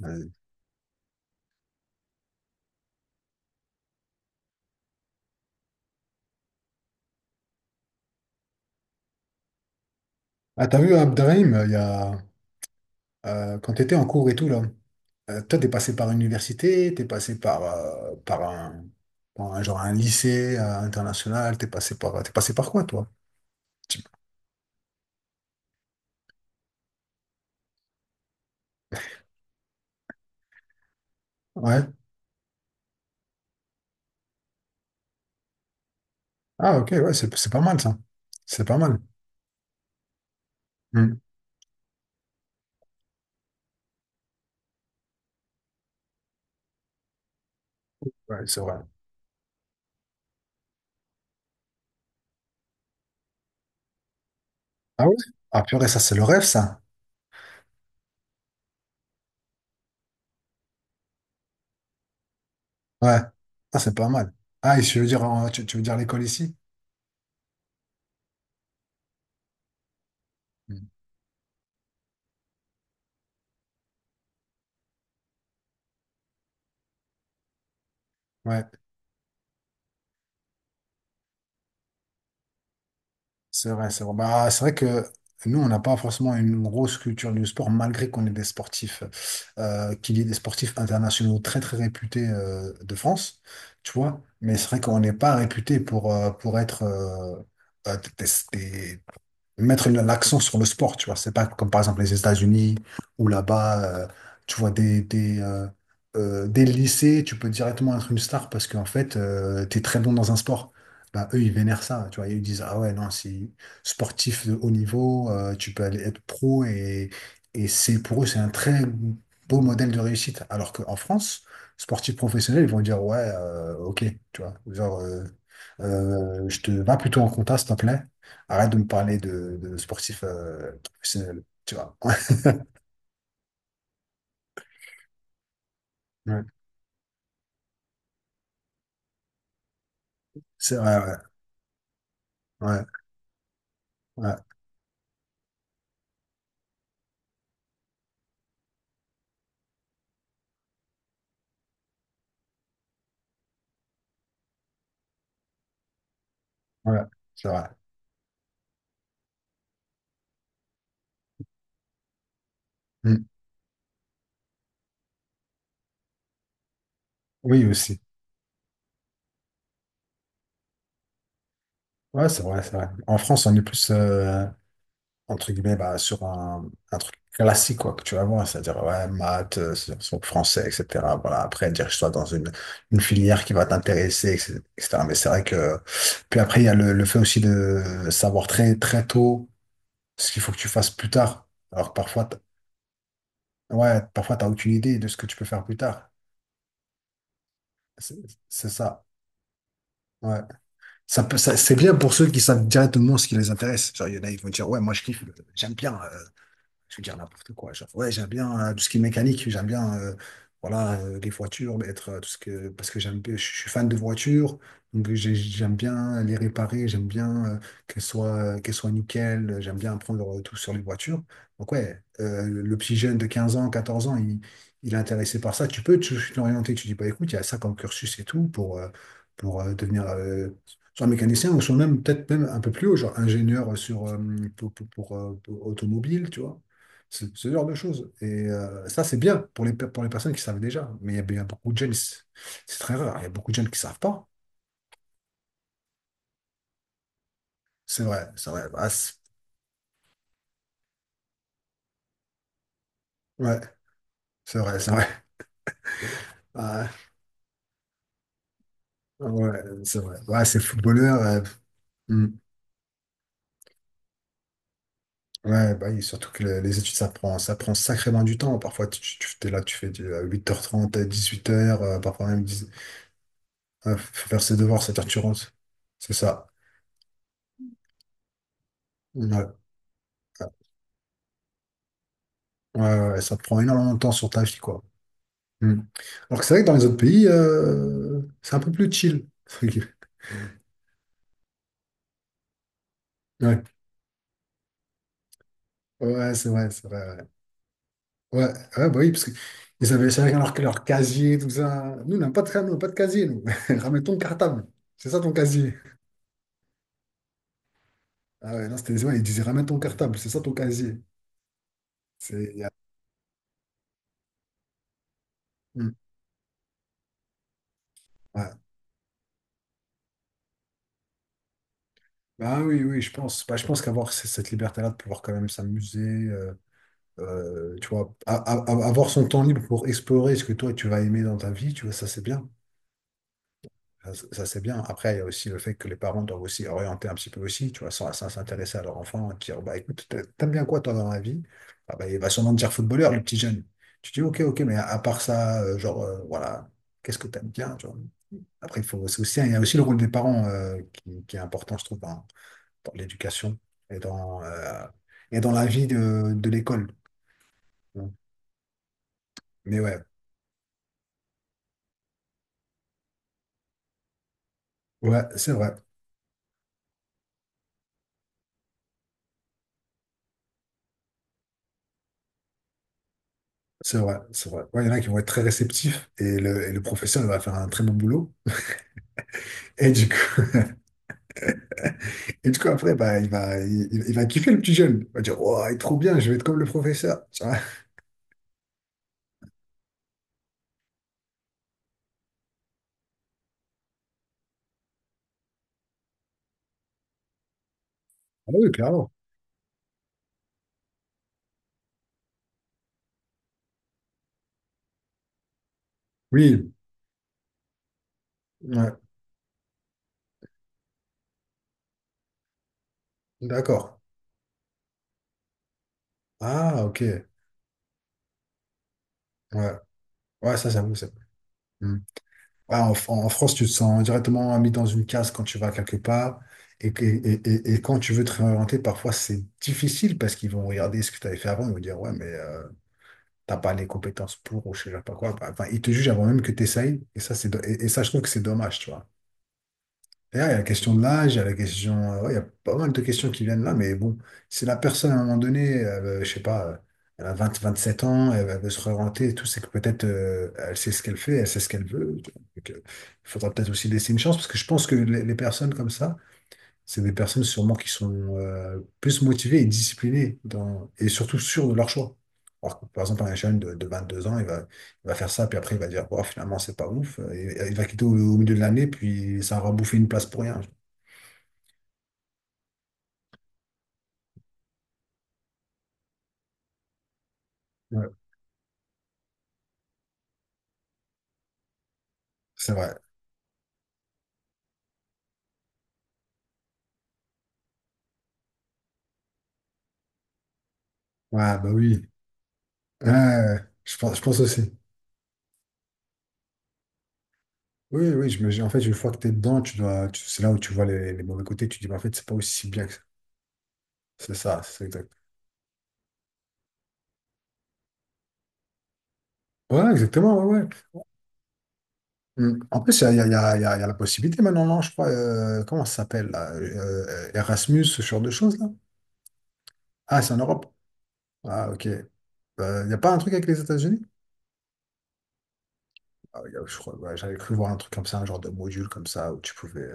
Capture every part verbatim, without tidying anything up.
Ouais. Ah, t'as vu Abderrahim, euh, il y a, euh, quand t'étais en cours et tout, là, euh, toi, t'es passé par l'université, t'es passé par, euh, par un, par un- genre un lycée euh, international, t'es passé par, euh, t'es passé par quoi, toi? Tu- Ouais. Ah, ok, ouais, c'est c'est pas mal, ça. C'est pas mal. Hmm. Ouais, c'est vrai. Ah ouais? Ah, purée, ça, c'est le rêve, ça. Ouais. Ah, c'est pas mal. Ah, et tu veux dire, en- tu, tu veux dire l'école ici? Hmm. Ouais. C'est vrai, c'est vrai. Bah, c'est vrai que nous, on n'a pas forcément une grosse culture du sport, malgré qu'on est des sportifs, euh, qu'il y ait des sportifs internationaux très, très réputés euh, de France, tu vois. Mais c'est vrai qu'on n'est pas réputé pour, euh, pour être euh, euh, des, mettre l'accent sur le sport, tu vois. C'est pas comme par exemple les États-Unis où là-bas, euh, tu vois des, des, euh, euh, des lycées, tu peux directement être une star parce qu'en fait, euh, t'es très bon dans un sport. Bah, eux, ils vénèrent ça, tu vois. Ils disent, ah ouais, non, si sportif de haut niveau, euh, tu peux aller être pro et, et c'est pour eux, c'est un très beau modèle de réussite. Alors qu'en France, sportif professionnel, ils vont dire, ouais, euh, ok, tu vois. Genre, euh, euh, je te va plutôt en compta, s'il te plaît. Arrête de me parler de, de sportifs euh, professionnels, tu vois. Ouais, c'est vrai, ouais, ouais, ouais, ouais, c'est vrai. Mm. Oui, aussi. Ouais, c'est vrai, c'est vrai. En France, on est plus, euh, entre guillemets, bah, sur un, un truc classique, quoi, que tu vas voir, c'est-à-dire, ouais, maths, euh, sur- sur français, et cetera. Voilà, après, dirige-toi dans une, une filière qui va t'intéresser, et cetera. Mais c'est vrai que, puis après, il y a le, le fait aussi de savoir très, très tôt ce qu'il faut que tu fasses plus tard. Alors, que parfois, Ouais, parfois, t'as aucune idée de ce que tu peux faire plus tard. C'est c'est ça. Ouais. Ça peut, ça- c'est bien pour ceux qui savent directement ce qui les intéresse. Genre, il y en a, ils vont dire, ouais, moi, je kiffe, j'aime bien. Euh, je veux dire n'importe quoi. Genre, ouais, j'aime bien euh, tout ce qui est mécanique, j'aime bien euh, voilà, euh, les voitures, être, euh, tout ce que, parce que j'aime, bien- je suis fan de voitures, donc j'ai- j'aime bien les réparer, j'aime bien euh, qu'elles soient, euh, qu'elles soient nickel, euh, j'aime bien apprendre euh, tout sur les voitures. Donc, ouais, euh, le petit jeune de quinze ans, quatorze ans, il, il est intéressé par ça. Tu peux te- l'orienter, tu dis, bah écoute, il y a ça comme cursus et tout pour, euh, pour euh, devenir euh, soit mécanicien ou soit même peut-être même un peu plus haut, genre ingénieur sur, euh, pour, pour, pour, euh, pour automobile, tu vois. Ce, ce genre de choses. Et euh, ça, c'est bien pour les, per- pour les personnes qui savent déjà. Mais il y a, il y a beaucoup de jeunes, c'est c'est très rare. Il y a beaucoup de jeunes qui savent pas. C'est vrai, c'est vrai. Ah, c'est- ouais, c'est vrai, c'est vrai. Ah, ouais, c'est vrai. Ouais, c'est footballeur. Euh, hmm. Ouais, bah, oui, surtout que le- les études, ça prend, ça prend sacrément du temps. Parfois, tu, tu, tu- t'es là, tu fais du, à huit heures trente, à dix-huit heures, euh, parfois même dix, ouais, faut faire ses devoirs, sept heures, tu rentres. C'est ça. Ouais, ouais, ouais, ça te prend énormément de temps sur ta vie, quoi. Hmm. Alors que c'est vrai que dans les autres pays, euh, c'est un peu plus chill. Ouais, ouais, c'est vrai, c'est vrai. Ouais, ouais, ouais, bah oui, parce que ils avaient chacun leur, leur casier, tout ça. Nous, on n'a pas de, nous, on n'a pas de casier, nous. Ramène ton cartable. C'est ça ton casier. Ah ouais, non, c'était, ouais, ils disaient ramène ton cartable, c'est ça ton casier. C'est, y a- Hmm. Ouais. Bah oui, oui, je pense. Bah, je pense qu'avoir c- cette liberté-là de pouvoir quand même s'amuser, euh, euh, tu vois, a- a- a- avoir son temps libre pour explorer ce que toi tu vas aimer dans ta vie, tu vois, ça c'est bien. Ça, ça, c'est bien. Après, il y a aussi le fait que les parents doivent aussi orienter un petit peu aussi, tu vois, sans, sans s'intéresser à leur enfant, dire, bah écoute, t'a- t'aimes bien quoi toi dans la vie? Ah, bah, il va sûrement te dire footballeur, le petit jeune. Tu dis, ok, ok, mais à, à part ça, euh, genre, euh, voilà, qu'est-ce que t'aimes bien, tu vois? Après, il faut, c'est aussi, il y a aussi le rôle des parents euh, qui, qui est important, je trouve, dans, dans l'éducation et dans, euh, et dans la vie de, de l'école. Mais ouais, ouais, c'est vrai, c'est vrai, c'est vrai. Ouais, il y en a qui vont être très réceptifs et le, et le professeur il va faire un très bon boulot. Et du coup, et du coup après, bah, il va, il, il va kiffer le petit jeune. Il va dire, oh, il est trop bien, je vais être comme le professeur. Tu vois. Ah oui, clairement. Oui, ouais, d'accord. Ah, ok. Ouais, ouais, ça, j'avoue, ça. Hmm. Ouais, en, Fran- en France, tu te sens directement mis dans une case quand tu vas quelque part. Et, que- et, et, et quand tu veux te réorienter, parfois, c'est difficile parce qu'ils vont regarder ce que tu avais fait avant. Ils vont dire, ouais, mais euh, t'as pas les compétences pour ou je sais pas quoi. Enfin, ils te jugent avant même que tu essayes. Et ça, c'est, do- et, et ça, je trouve que c'est dommage, tu vois. D'ailleurs, il y a la question de l'âge, il y a la question, euh, ouais, il y a pas mal de questions qui viennent là, mais bon, si la personne à un moment donné, elle, euh, je sais pas, euh, elle a vingt vingt-sept ans, elle, elle veut se réorienter et tout, c'est que peut-être euh, elle sait ce qu'elle fait, elle sait ce qu'elle veut. Tu vois. Donc, euh, il faudra peut-être aussi laisser une chance, parce que je pense que les, les personnes comme ça, c'est des personnes sûrement qui sont euh, plus motivées et disciplinées dans, et surtout sûres de leur choix. Alors que, par exemple, un jeune de, de deux ans, il va, il va faire ça, puis après, il va dire, bon, finalement, c'est pas ouf. Et- Il va quitter au, au milieu de l'année, puis ça aura bouffé une place pour rien. Ouais, c'est vrai. Ouais, bah oui. Ouais, ouais, ouais. Je pense, je pense aussi. Oui, oui, je me- en fait, une fois que tu es dedans, tu dois, tu- c'est là où tu vois les, les mauvais côtés, tu te dis, mais en fait, c'est pas aussi bien que ça. C'est ça, c'est exact. Ouais, exactement, ouais, ouais. Hum. En plus, il y a, il y a- il y a- il y a- il y a la possibilité maintenant, non, je crois, euh, comment ça s'appelle, là, euh, Erasmus, ce genre de choses, là? Ah, c'est en Europe. Ah, ok. Euh, Il n'y a pas un truc avec les États-Unis? Ah, y a- je crois, ouais, j'avais cru voir un truc comme ça, un genre de module comme ça, où tu pouvais.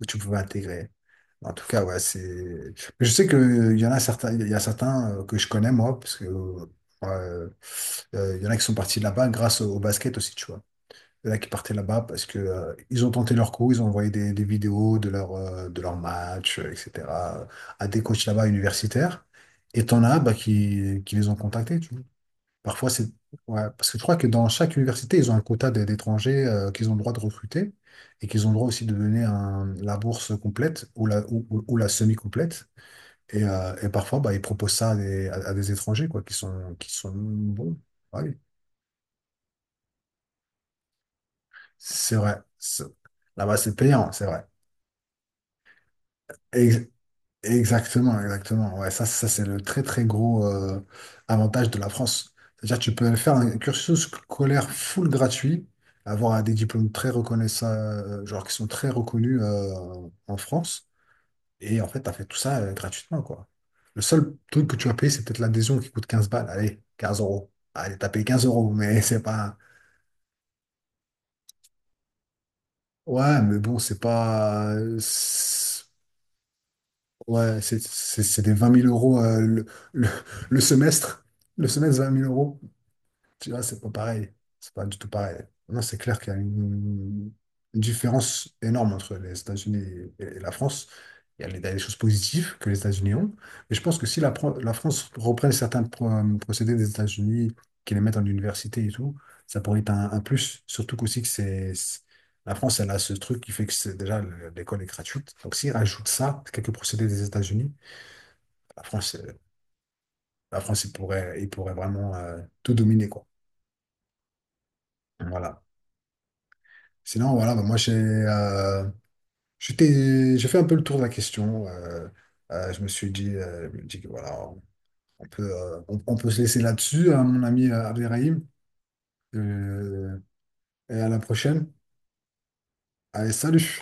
Que tu pouvais intégrer. En tout cas, ouais, c'est. Je sais qu'il y en a certains, il y a certains euh, que je connais moi, parce que euh, euh, il y en a qui sont partis de là-bas grâce au, au basket aussi, tu vois. Il y en a qui partaient là-bas parce que euh, ils ont tenté leur coup, ils ont envoyé des, des vidéos de leur euh, de leur match, euh, et cetera à des coachs là-bas universitaires. Et t'en as bah, qui, qui les ont contactés, tu vois. Parfois, c'est... Ouais, parce que je crois que dans chaque université, ils ont un quota d'é- d'étrangers euh, qu'ils ont le droit de recruter et qu'ils ont le droit aussi de donner un- la bourse complète ou la, ou, ou- ou la semi-complète. Et, euh, et parfois, bah, ils proposent ça à des, à- à des étrangers quoi, qui sont, qui sont bons. Ouais, oui. C'est vrai. C'est- Là-bas, c'est payant, c'est vrai. Exactement, exactement. Ouais, ça, ça c'est le très très gros euh, avantage de la France. C'est-à-dire que tu peux faire un cursus scolaire full gratuit, avoir des diplômes très reconnaissables, genre qui sont très reconnus euh, en France, et en fait, tu as fait tout ça euh, gratuitement, quoi. Le seul truc que tu vas payer, c'est peut-être l'adhésion qui coûte quinze balles. Allez, quinze euros. Allez, t'as payé quinze euros, mais c'est pas. Ouais, mais bon, c'est pas. Ouais, c'est c'est- c'est des vingt mille euros euh, le, le, le semestre. Le semestre, vingt mille euros. Tu vois, c'est pas pareil. C'est pas du tout pareil. Non, c'est clair qu'il y a une, une différence énorme entre les États-Unis et, et la France. Il y a les- il y a des choses positives que les États-Unis ont. Mais je pense que si la, Pro- la France reprenne certains pro- procédés des États-Unis, qui les mettent en université et tout, ça pourrait être un, un plus. Surtout qu'aussi que c'est, c'est- La France, elle a ce truc qui fait que c'est déjà le- l'école est gratuite. Donc s'ils rajoutent ça, quelques procédés des États-Unis, la France, euh, la France, il pourrait, il pourrait vraiment euh, tout dominer, quoi. Voilà. Sinon, voilà, bah, moi j'ai euh, j'étais- j'ai fait un peu le tour de la question. Euh, euh, je me suis dit, euh, je me dis que voilà, on peut, euh, on, on peut se laisser là-dessus, hein, mon ami euh, Abderrahim. Euh, et à la prochaine. Allez, salut!